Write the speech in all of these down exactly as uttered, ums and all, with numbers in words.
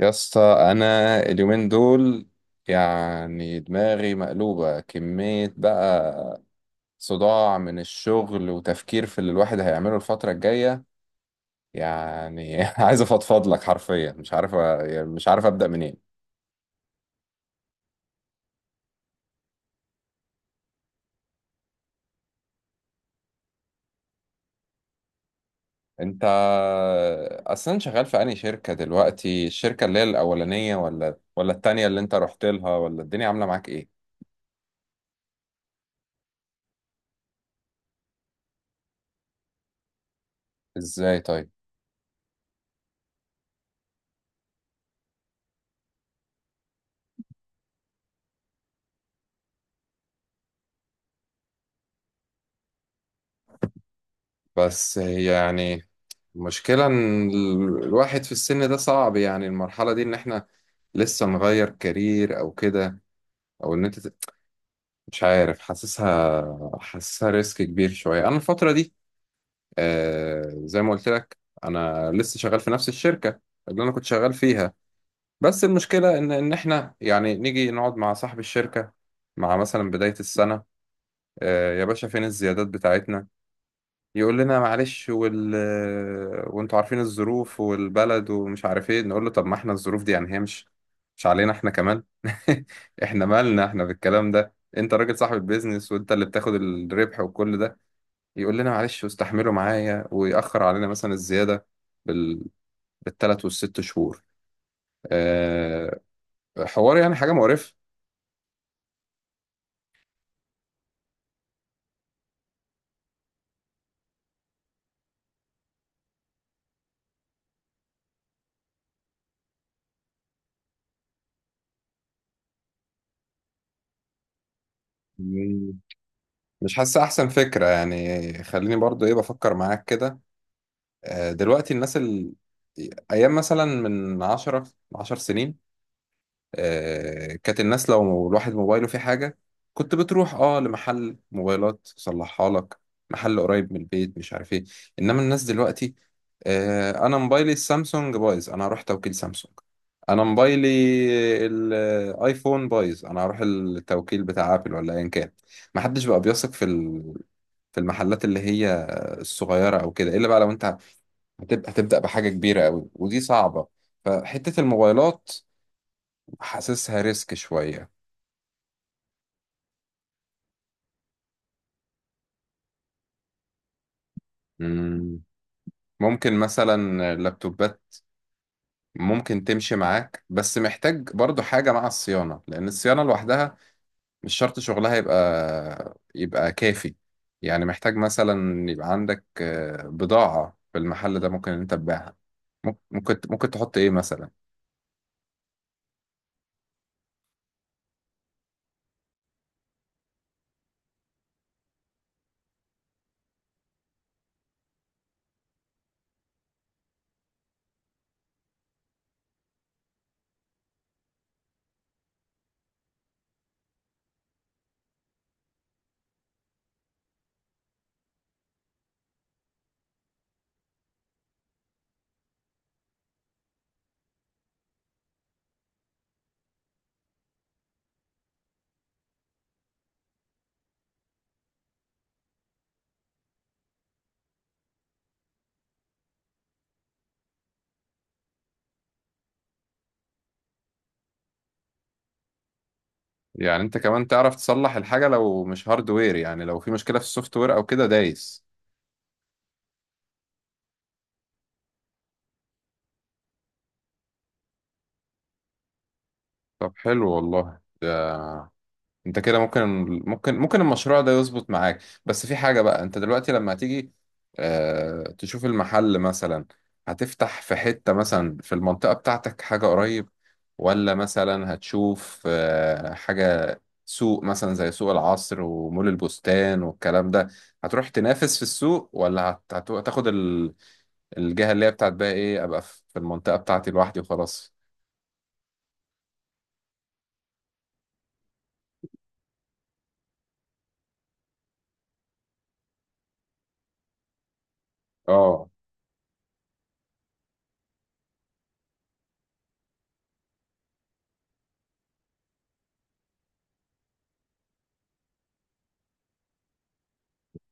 يا اسطى، انا اليومين دول يعني دماغي مقلوبة كمية بقى. صداع من الشغل وتفكير في اللي الواحد هيعمله الفترة الجاية. يعني عايز افضفض لك حرفيا، مش عارف أ- يعني مش عارف ابدأ منين. انت اصلا شغال في انهي شركة دلوقتي؟ الشركة اللي هي الاولانية ولا ولا التانية اللي انت رحت لها، ولا الدنيا عاملة معاك ايه؟ ازاي طيب؟ بس هي يعني المشكلة إن ال- الواحد في السن ده صعب، يعني المرحلة دي إن إحنا لسه نغير كارير أو كده، أو إن أنت ت- مش عارف، حاسسها حاسسها ريسك كبير شوية أنا الفترة دي. آه، زي ما قلت لك، أنا لسه شغال في نفس الشركة اللي أنا كنت شغال فيها. بس المشكلة إن إن إحنا يعني نيجي نقعد مع صاحب الشركة مع مثلا بداية السنة: آه يا باشا، فين الزيادات بتاعتنا؟ يقول لنا معلش وال... وانتوا عارفين الظروف والبلد ومش عارف ايه. نقول له طب ما احنا الظروف دي يعني هي مش مش علينا احنا كمان احنا مالنا احنا بالكلام ده؟ انت راجل صاحب البيزنس وانت اللي بتاخد الربح وكل ده. يقول لنا معلش واستحملوا معايا، ويأخر علينا مثلا الزيادة بال... بالثلاث والست شهور. أه... حوار يعني حاجة مقرفة. مم. مش حاسة أحسن فكرة، يعني خليني برضو إيه بفكر معاك كده. آه، دلوقتي الناس ال... ايام مثلا من عشر عشر سنين، آه كانت الناس لو الواحد موبايله فيه حاجه، كنت بتروح اه لمحل موبايلات يصلحها لك، محل قريب من البيت، مش عارف ايه. انما الناس دلوقتي: آه، انا موبايلي السامسونج بايظ، انا هروح توكيل سامسونج. انا موبايلي الايفون بايظ، انا هروح التوكيل بتاع ابل ولا ايا كان. محدش بقى بيثق في ال... في المحلات اللي هي الصغيره او كده، الا بقى لو انت هتبقى هتبدأ بحاجة كبيرة قوي، ودي صعبة. فحتة الموبايلات حاسسها ريسك شوية. امم ممكن مثلا اللابتوبات ممكن تمشي معاك، بس محتاج برضو حاجة مع الصيانة، لأن الصيانة لوحدها مش شرط شغلها يبقى يبقى كافي. يعني محتاج مثلا يبقى عندك آه، بضاعة في المحل ده ممكن إن أنت تبيعها. ممكن ممكن ممكن تحط إيه مثلا؟ يعني أنت كمان تعرف تصلح الحاجة لو مش هاردوير، يعني لو في مشكلة في السوفت وير أو كده، دايس. طب حلو والله ده. انت كده ممكن ممكن ممكن المشروع ده يظبط معاك. بس في حاجة بقى، انت دلوقتي لما هتيجي اه تشوف المحل مثلا، هتفتح في حتة مثلا في المنطقة بتاعتك حاجة قريب، ولا مثلا هتشوف اه حاجة سوق مثلا زي سوق العصر ومول البستان والكلام ده؟ هتروح تنافس في السوق، ولا هت- هت- هتاخد ال- الجهة اللي هي بتاعت بقى ايه، ابقى في في المنطقة بتاعتي لوحدي وخلاص؟ اه،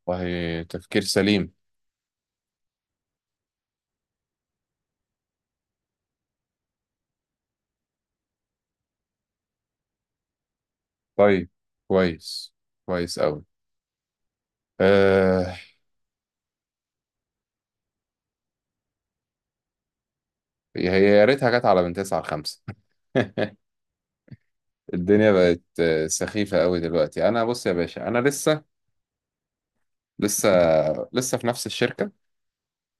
والله تفكير سليم. طيب كويس، كويس أوي. آه. هي يا ريتها جت على من تسعة لخمسة. الدنيا بقت آه، سخيفة أوي دلوقتي. أنا بص يا باشا، أنا لسه لسه لسه في نفس الشركة.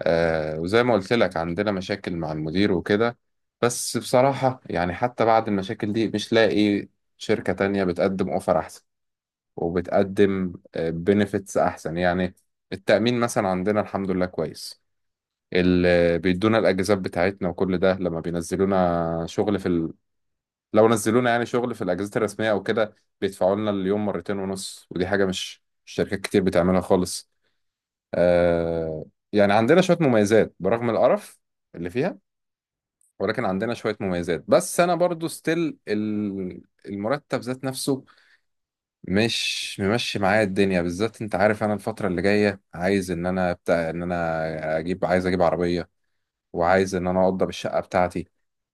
آه وزي ما قلت لك، عندنا مشاكل مع المدير وكده. بس بصراحة يعني حتى بعد المشاكل دي، مش لاقي شركة تانية بتقدم أوفر أحسن وبتقدم بنفيتس أحسن يعني. التأمين مثلا عندنا الحمد لله كويس، اللي بيدونا الاجازات بتاعتنا وكل ده. لما بينزلونا شغل في ال... لو نزلونا يعني شغل في الاجازات الرسميه او كده، بيدفعوا لنا اليوم مرتين ونص، ودي حاجه مش مش شركات كتير بتعملها خالص. آه... يعني عندنا شويه مميزات برغم القرف اللي فيها، ولكن عندنا شويه مميزات. بس انا برضو ستيل ال... المرتب ذات نفسه مش ممشي معايا الدنيا. بالذات انت عارف انا الفتره اللي جايه، عايز ان انا بتاع ان انا اجيب عايز اجيب عربيه، وعايز ان انا اوضب الشقه بتاعتي.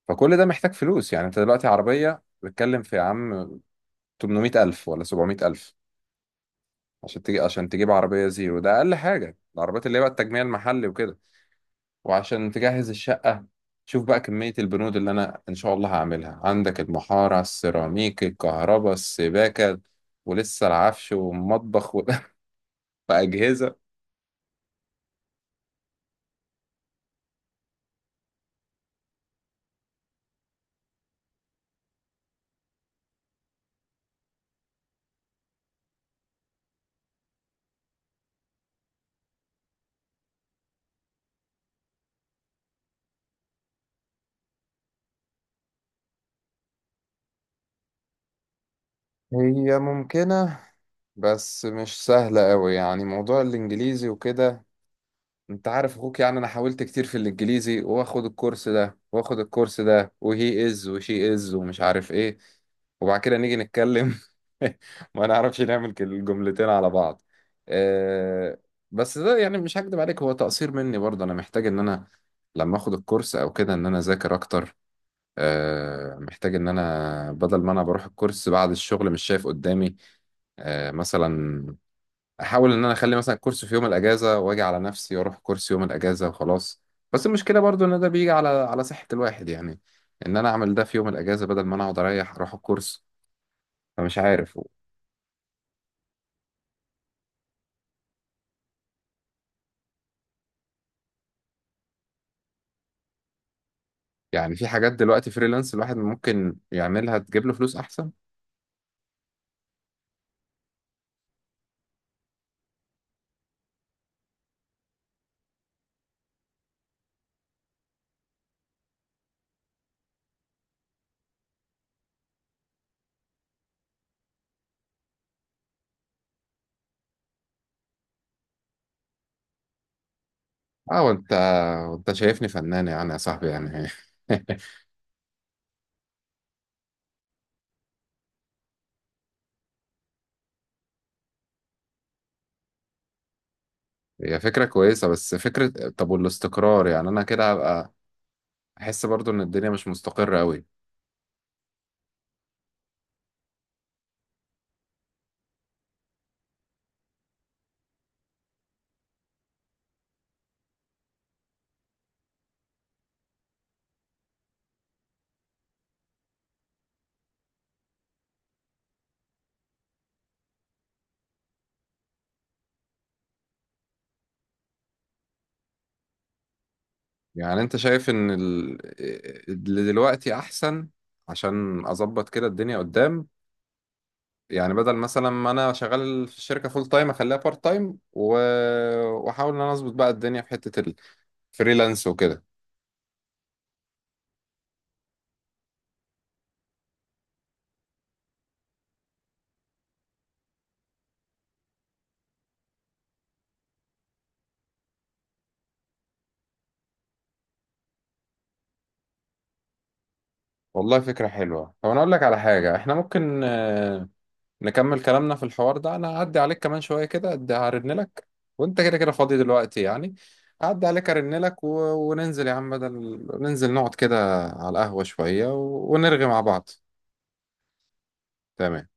فكل ده محتاج فلوس. يعني انت دلوقتي عربية بتتكلم في، يا عم، ثمانمائة ألف ولا سبعمائة ألف، عشان تجي عشان تجيب عربية زيرو. ده أقل حاجة، العربيات اللي هي بقى التجميع المحلي وكده. وعشان تجهز الشقة شوف بقى كمية البنود اللي أنا إن شاء الله هعملها عندك: المحارة، السيراميك، الكهرباء، السباكة، ولسه العفش والمطبخ و- وأجهزة. هي ممكنة بس مش سهلة أوي، يعني موضوع الإنجليزي وكده انت عارف اخوك. يعني انا حاولت كتير في الانجليزي، واخد الكورس ده واخد الكورس ده، وهي از وشي از ومش عارف ايه. وبعد كده نيجي نتكلم ما نعرفش نعمل كل- الجملتين على بعض. أه. بس ده يعني مش هكدب عليك، هو تقصير مني برضه. انا محتاج ان انا لما اخد الكورس او كده ان انا اذاكر اكتر. أه، محتاج ان انا بدل ما انا بروح الكورس بعد الشغل مش شايف قدامي. أه، مثلا احاول ان انا اخلي مثلا كورس في يوم الاجازه، واجي على نفسي واروح كورس يوم الاجازه وخلاص. بس المشكله برضو ان ده بيجي على على صحه الواحد، يعني ان انا اعمل ده في يوم الاجازه بدل ما انا اقعد اريح اروح الكورس. فمش عارف. يعني في حاجات دلوقتي فريلانس الواحد ممكن يعملها تجيب له فلوس احسن. اه. وانت وانت شايفني فنان يعني يا صاحبي يعني؟ هي فكره كويسه، بس فكره. طب والاستقرار؟ يعني انا كده هبقى احس برضو ان الدنيا مش مستقره قوي. يعني انت شايف ان ال- اللي دلوقتي احسن عشان اظبط كده الدنيا قدام؟ يعني بدل مثلا ما انا شغال في الشركه فول تايم، اخليها بارت تايم و... واحاول ان انا اظبط بقى الدنيا في حته الفريلانس وكده. والله فكره حلوه. طب انا اقول لك على حاجه، احنا ممكن آه، نكمل كلامنا في الحوار ده. انا هعدي عليك كمان شويه كده، أدي- هرن لك، وانت كده كده فاضي دلوقتي يعني؟ هعدي عليك ارن لك و... وننزل يا عم، بدل ننزل نقعد كده على القهوه شويه و... ونرغي مع بعض. تمام.